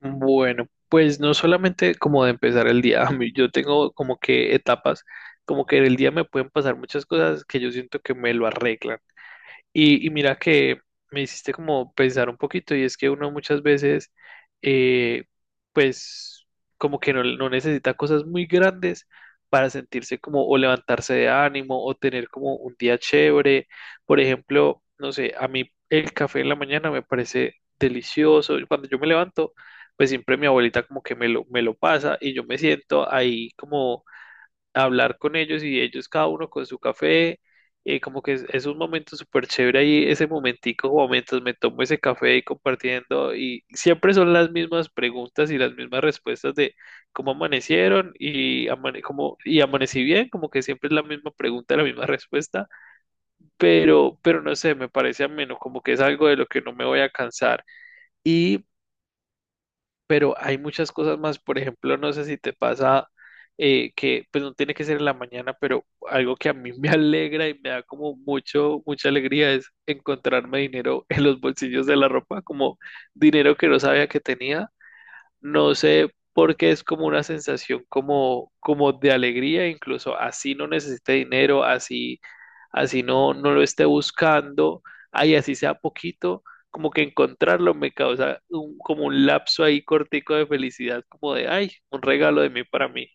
Bueno, pues no solamente como de empezar el día, yo tengo como que etapas, como que en el día me pueden pasar muchas cosas que yo siento que me lo arreglan. Y mira que me hiciste como pensar un poquito y es que uno muchas veces, eh, pues como que no, no necesita cosas muy grandes para sentirse como o levantarse de ánimo o tener como un día chévere. Por ejemplo, no sé, a mí el café en la mañana me parece delicioso. Y cuando yo me levanto, pues siempre mi abuelita como que me lo pasa y yo me siento ahí como hablar con ellos y ellos cada uno con su café, como que es un momento súper chévere ahí, ese momentico, como mientras me tomo ese café y compartiendo, y siempre son las mismas preguntas y las mismas respuestas de cómo amanecieron y amanecí bien, como que siempre es la misma pregunta, la misma respuesta, pero no sé, me parece ameno, como que es algo de lo que no me voy a cansar. Y pero hay muchas cosas más. Por ejemplo, no sé si te pasa pues no tiene que ser en la mañana, pero algo que a mí me alegra y me da como mucha alegría es encontrarme dinero en los bolsillos de la ropa, como dinero que no sabía que tenía. No sé por qué es como una sensación como de alegría, incluso así no necesite dinero, así no, no lo esté buscando, ay así sea poquito, como que encontrarlo me causa como un lapso ahí cortico de felicidad, como de, ay, un regalo de mí para mí.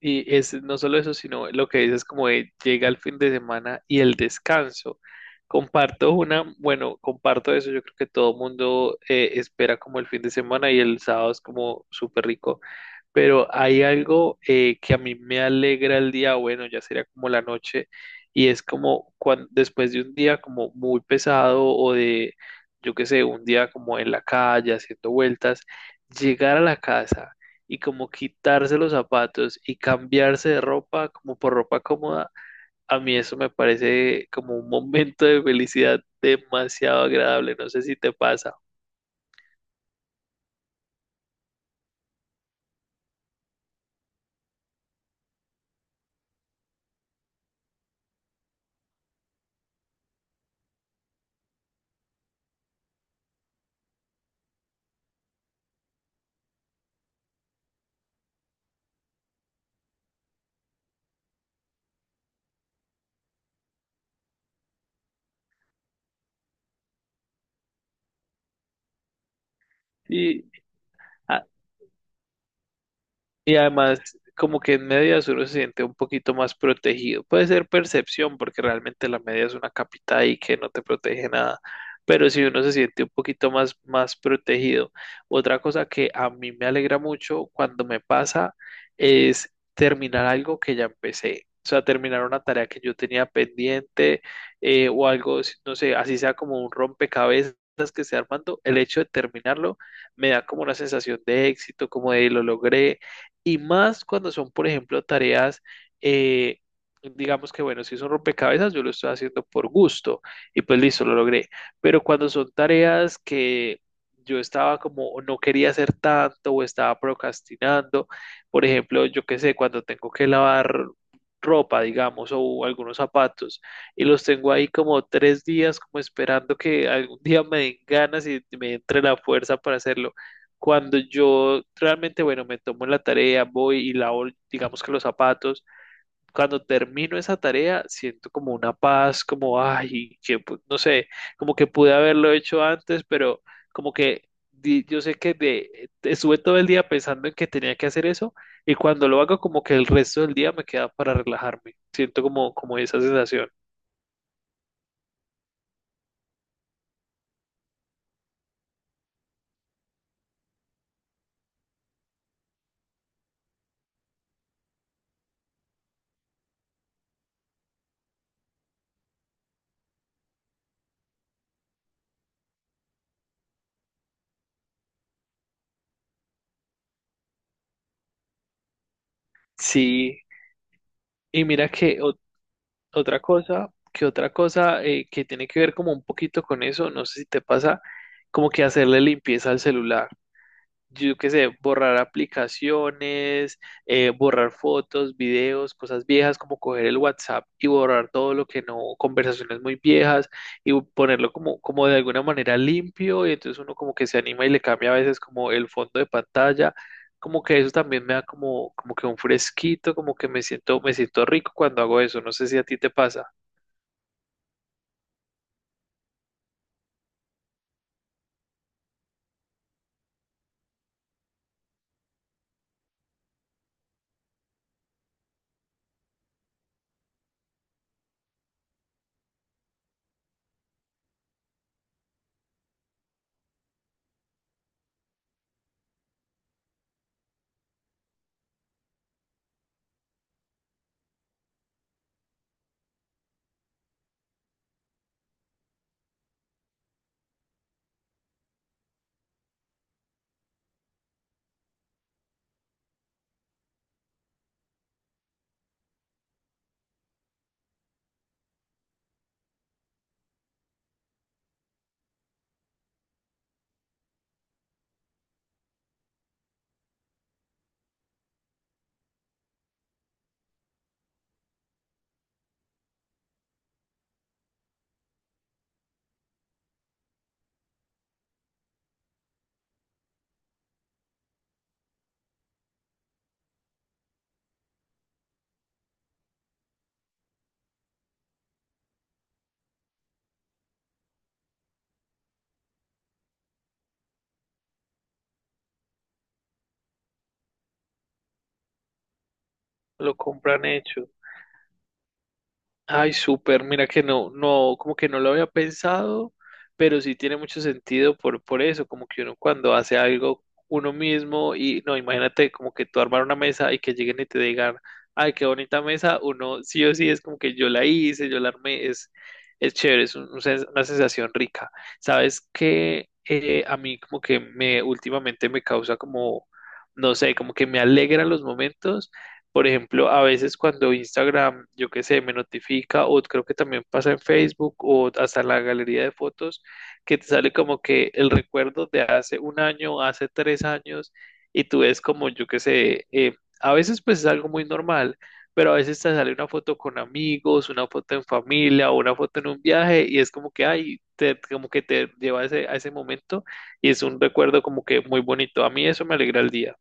Y es no solo eso, sino lo que dices como de llega el fin de semana y el descanso. Comparto bueno, comparto eso, yo creo que todo mundo espera como el fin de semana y el sábado es como súper rico, pero hay algo que a mí me alegra el día, bueno, ya sería como la noche, y es como cuando, después de un día como muy pesado o de, yo qué sé, un día como en la calle haciendo vueltas, llegar a la casa y como quitarse los zapatos y cambiarse de ropa como por ropa cómoda, a mí eso me parece como un momento de felicidad demasiado agradable, no sé si te pasa. Y Y además, como que en medias uno se siente un poquito más protegido. Puede ser percepción, porque realmente la media es una capita y que no te protege nada. Pero si uno se siente un poquito más protegido. Otra cosa que a mí me alegra mucho cuando me pasa es terminar algo que ya empecé. O sea, terminar una tarea que yo tenía pendiente, o algo, no sé, así sea como un rompecabezas que esté armando. El hecho de terminarlo me da como una sensación de éxito, como de lo logré, y más cuando son, por ejemplo, tareas, eh, digamos que, bueno, si son rompecabezas, yo lo estoy haciendo por gusto y pues listo, lo logré. Pero cuando son tareas que yo estaba como, o no quería hacer tanto o estaba procrastinando, por ejemplo, yo qué sé, cuando tengo que lavar ropa, digamos, o algunos zapatos, y los tengo ahí como 3 días, como esperando que algún día me den ganas y me entre la fuerza para hacerlo, cuando yo realmente, bueno, me tomo la tarea, voy y lavo, digamos que los zapatos, cuando termino esa tarea, siento como una paz, como, ay, que no sé, como que pude haberlo hecho antes, pero como que yo sé que estuve todo el día pensando en que tenía que hacer eso, y cuando lo hago, como que el resto del día me queda para relajarme. Siento como esa sensación. Sí, y mira que Otra cosa que tiene que ver como un poquito con eso, no sé si te pasa, como que hacerle limpieza al celular. Yo qué sé, borrar aplicaciones, borrar fotos, videos, cosas viejas, como coger el WhatsApp y borrar todo lo que no, conversaciones muy viejas, y ponerlo como de alguna manera limpio, y entonces uno como que se anima y le cambia a veces como el fondo de pantalla. Como que eso también me da como, como que un fresquito, como que me siento rico cuando hago eso. No sé si a ti te pasa. Lo compran hecho. Ay, súper, mira que no, no, como que no lo había pensado, pero sí tiene mucho sentido por eso, como que uno cuando hace algo uno mismo y no, imagínate como que tú armar una mesa y que lleguen y te digan, ay, qué bonita mesa, uno sí o sí es como que yo la hice, yo la armé, es chévere, es una sensación rica. ¿Sabes que a mí como que me últimamente me causa como, no sé, como que me alegra los momentos? Por ejemplo, a veces cuando Instagram, yo qué sé, me notifica, o creo que también pasa en Facebook, o hasta en la galería de fotos, que te sale como que el recuerdo de hace un año, hace 3 años, y tú ves como, yo qué sé, a veces pues es algo muy normal, pero a veces te sale una foto con amigos, una foto en familia, o una foto en un viaje, y es como que, ay, como que te lleva a ese, momento, y es un recuerdo como que muy bonito. A mí eso me alegra el día.